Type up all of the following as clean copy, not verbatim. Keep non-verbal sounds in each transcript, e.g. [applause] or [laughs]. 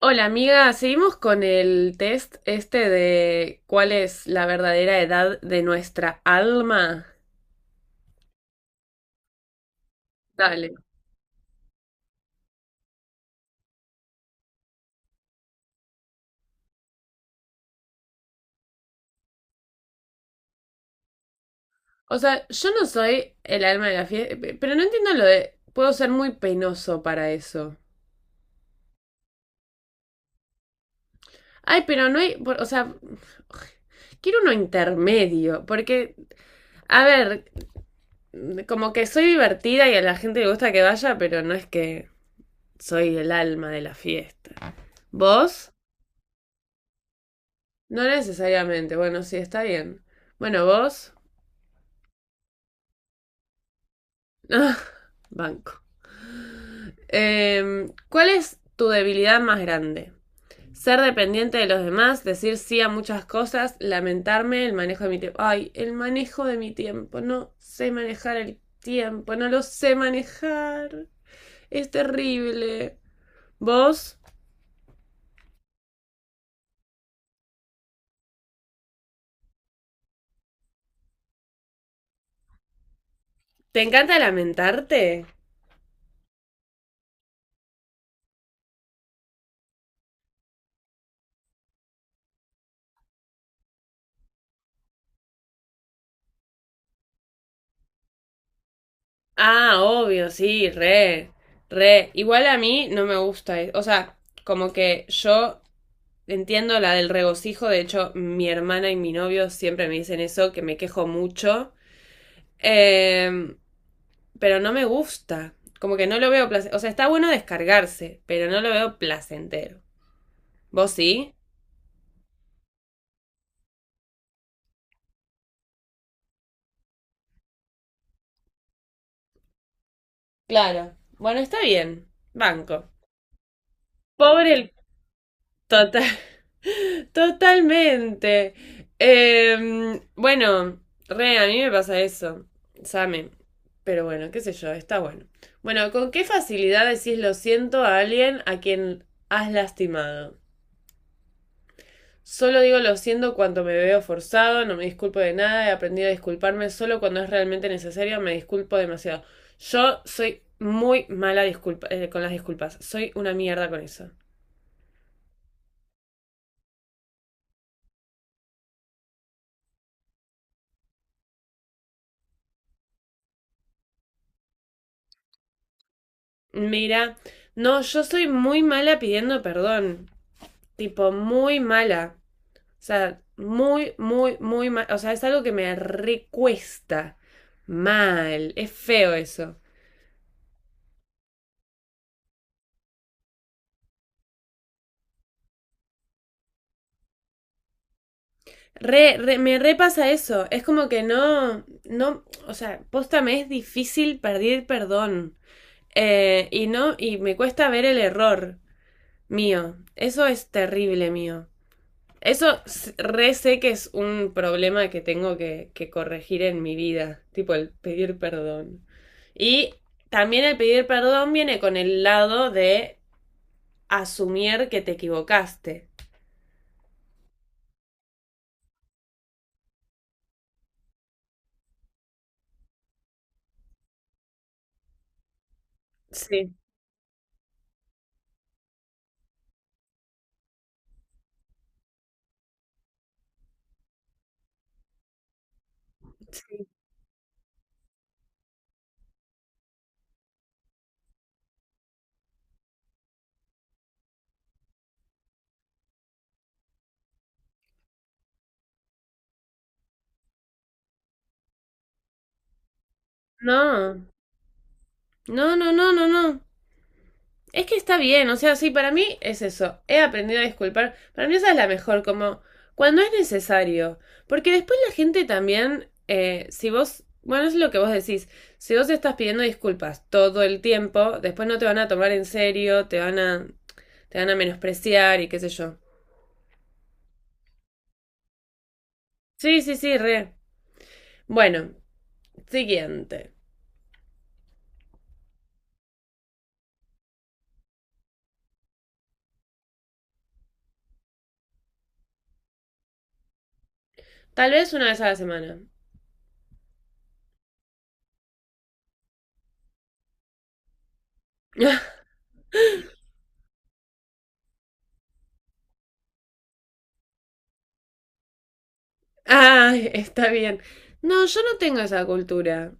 Hola amiga, seguimos con el test este de cuál es la verdadera edad de nuestra alma. Dale. O sea, yo no soy el alma de la fiesta, pero no entiendo lo de "Puedo ser muy penoso para eso". Ay, pero no hay, o sea, quiero uno intermedio, porque, a ver, como que soy divertida y a la gente le gusta que vaya, pero no es que soy el alma de la fiesta. ¿Vos? No necesariamente, bueno, sí, está bien. Bueno, vos. Ah, banco. ¿Cuál es tu debilidad más grande? Ser dependiente de los demás, decir sí a muchas cosas, lamentarme, el manejo de mi tiempo. Ay, el manejo de mi tiempo. No sé manejar el tiempo, no lo sé manejar. Es terrible. ¿Vos? ¿Te encanta lamentarte? Ah, obvio, sí, re, re. Igual a mí no me gusta. O sea, como que yo entiendo la del regocijo, de hecho mi hermana y mi novio siempre me dicen eso, que me quejo mucho, eh, pero no me gusta, como que no lo veo placentero, o sea, está bueno descargarse, pero no lo veo placentero. ¿Vos sí? Claro. Bueno, está bien, banco. Pobre el total. Totalmente. Bueno, re, a mí me pasa eso, same. Pero bueno, qué sé yo, está bueno. Bueno, ¿con qué facilidad decís lo siento a alguien a quien has lastimado? Solo digo lo siento cuando me veo forzado, no me disculpo de nada, he aprendido a disculparme solo cuando es realmente necesario, me disculpo demasiado. Yo soy muy mala disculpa, con las disculpas, soy una mierda con eso. Mira, no, yo soy muy mala pidiendo perdón, tipo muy mala. O sea, muy, muy, muy mal. O sea, es algo que me recuesta mal. Es feo eso. Re, me repasa eso. Es como que no, no, o sea, posta me es difícil pedir perdón. Y no, y me cuesta ver el error mío. Eso es terrible mío. Eso re sé que es un problema que tengo que corregir en mi vida, tipo el pedir perdón. Y también el pedir perdón viene con el lado de asumir que te equivocaste. Sí. No, no, no, no, no, no. Es que está bien, o sea, sí, para mí es eso. He aprendido a disculpar. Para mí esa es la mejor, como cuando es necesario. Porque después la gente también, si vos, bueno, es lo que vos decís, si vos estás pidiendo disculpas todo el tiempo, después no te van a tomar en serio, te van a menospreciar y qué sé yo. Sí, sí, sí, re. Bueno, siguiente. Tal vez una vez a la semana. [laughs] Ay, está bien. No, yo no tengo esa cultura.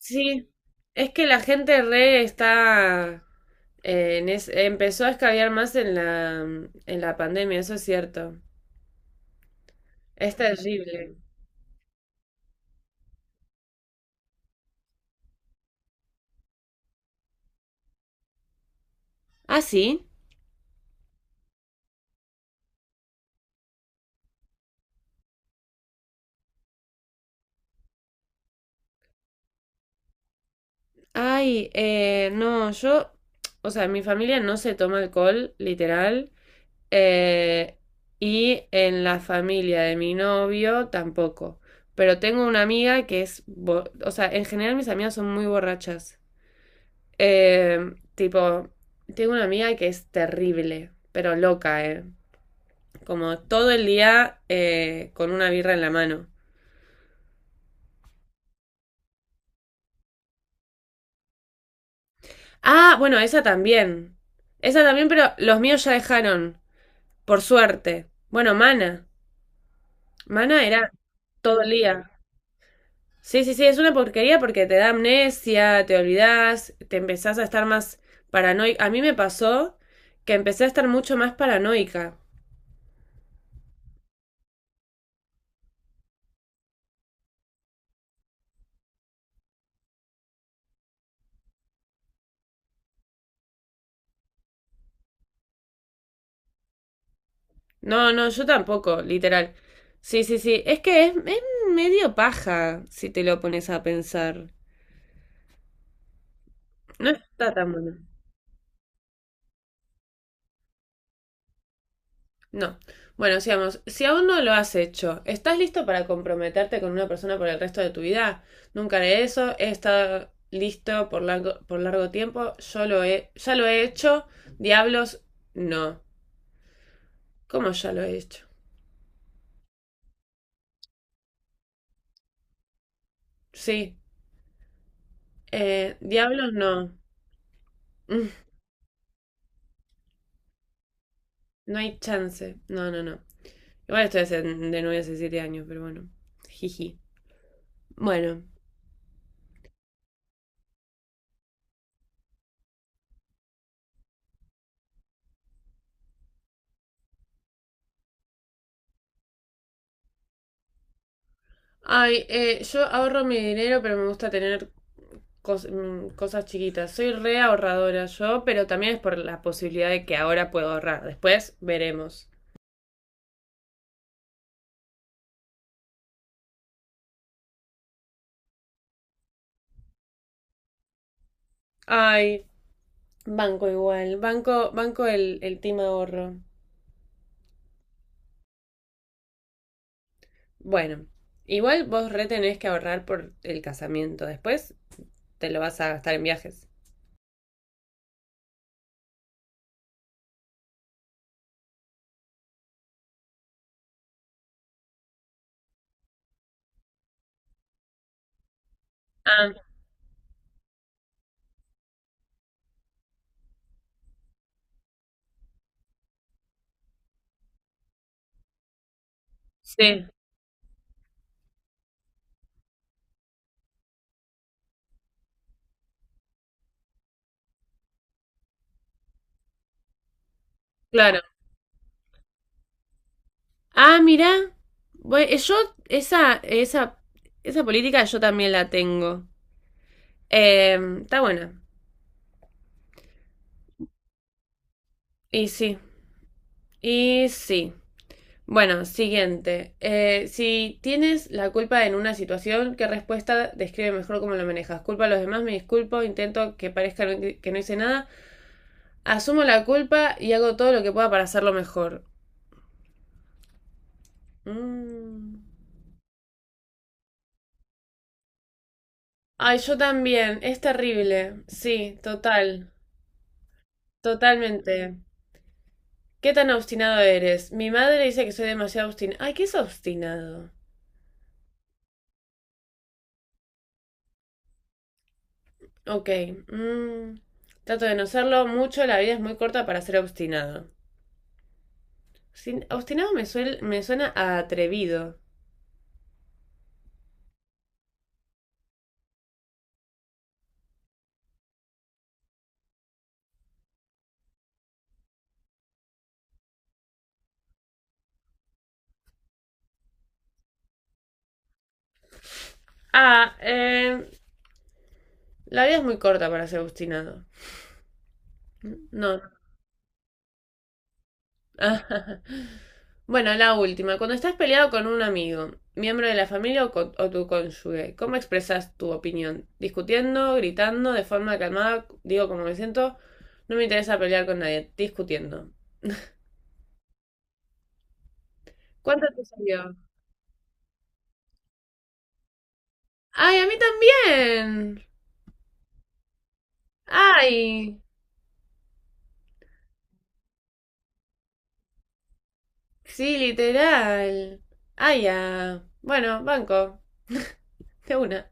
Sí, es que la gente re está empezó a escabiar más en en la pandemia, eso es cierto. Es terrible. Ah, sí. Ay, no, yo, o sea, mi familia no se toma alcohol, literal. eh, y en la familia de mi novio tampoco. Pero tengo una amiga que es, o sea, en general mis amigas son muy borrachas. Tipo, tengo una amiga que es terrible, pero loca, ¿eh? Como todo el día con una birra en la mano. Ah, bueno, esa también. Esa también, pero los míos ya dejaron, por suerte. Bueno, Mana. Mana era todo el día. Sí, sí, sí, es una porquería porque te da amnesia, te olvidás, te empezás a estar más paranoica. A mí me pasó que empecé a estar mucho más paranoica. No, no, yo tampoco, literal. Sí, sí, sí. Es que es medio paja si te lo pones a pensar. No está tan bueno. No. Bueno, sigamos. Si aún no lo has hecho, ¿estás listo para comprometerte con una persona por el resto de tu vida? Nunca haré eso. He estado listo por largo tiempo. Ya lo he hecho. Diablos, no. ¿Cómo ya lo he hecho? Sí. Diablos, no. [laughs] Mm. No hay chance. No, no, no. Igual estoy de novia hace 7 años, pero bueno. Jiji. Bueno. Ay, yo ahorro mi dinero, pero me gusta tener cosas chiquitas. Soy re ahorradora yo, pero también es por la posibilidad de que ahora puedo ahorrar. Después veremos. Ay, banco igual. Banco, banco el, team ahorro. Bueno, igual vos re tenés que ahorrar por el casamiento. Después te lo vas a gastar en viajes. Ah, sí, claro. Ah, mirá. Bueno, yo esa, esa, esa política yo también la tengo. Está buena. Y sí, y sí. Bueno, siguiente. Si tienes la culpa en una situación, ¿qué respuesta describe mejor cómo lo manejas? Culpa a los demás, me disculpo, intento que parezca que no hice nada, asumo la culpa y hago todo lo que pueda para hacerlo mejor. Mm. Ay, yo también, es terrible. Sí, total, totalmente. ¿Qué tan obstinado eres? Mi madre dice que soy demasiado obstinado. Ay, ¿qué es obstinado? Ok. mm, trato de no serlo mucho. La vida es muy corta para ser obstinado. Obstinado me suena a atrevido. Ah, la vida es muy corta para ser obstinado. No, ah. [laughs] Bueno, la última. Cuando estás peleado con un amigo, miembro de la familia o, o tu cónyuge, ¿cómo expresas tu opinión? ¿Discutiendo, gritando, de forma calmada? Digo, como me siento, no me interesa pelear con nadie. Discutiendo. ¿Cuánto te salió? ¡Ay, a mí también! ¡Ay! Sí, literal. ¡Ay, ya! Bueno, banco. De una.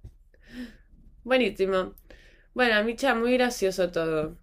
Buenísimo. Bueno, Micha, muy gracioso todo.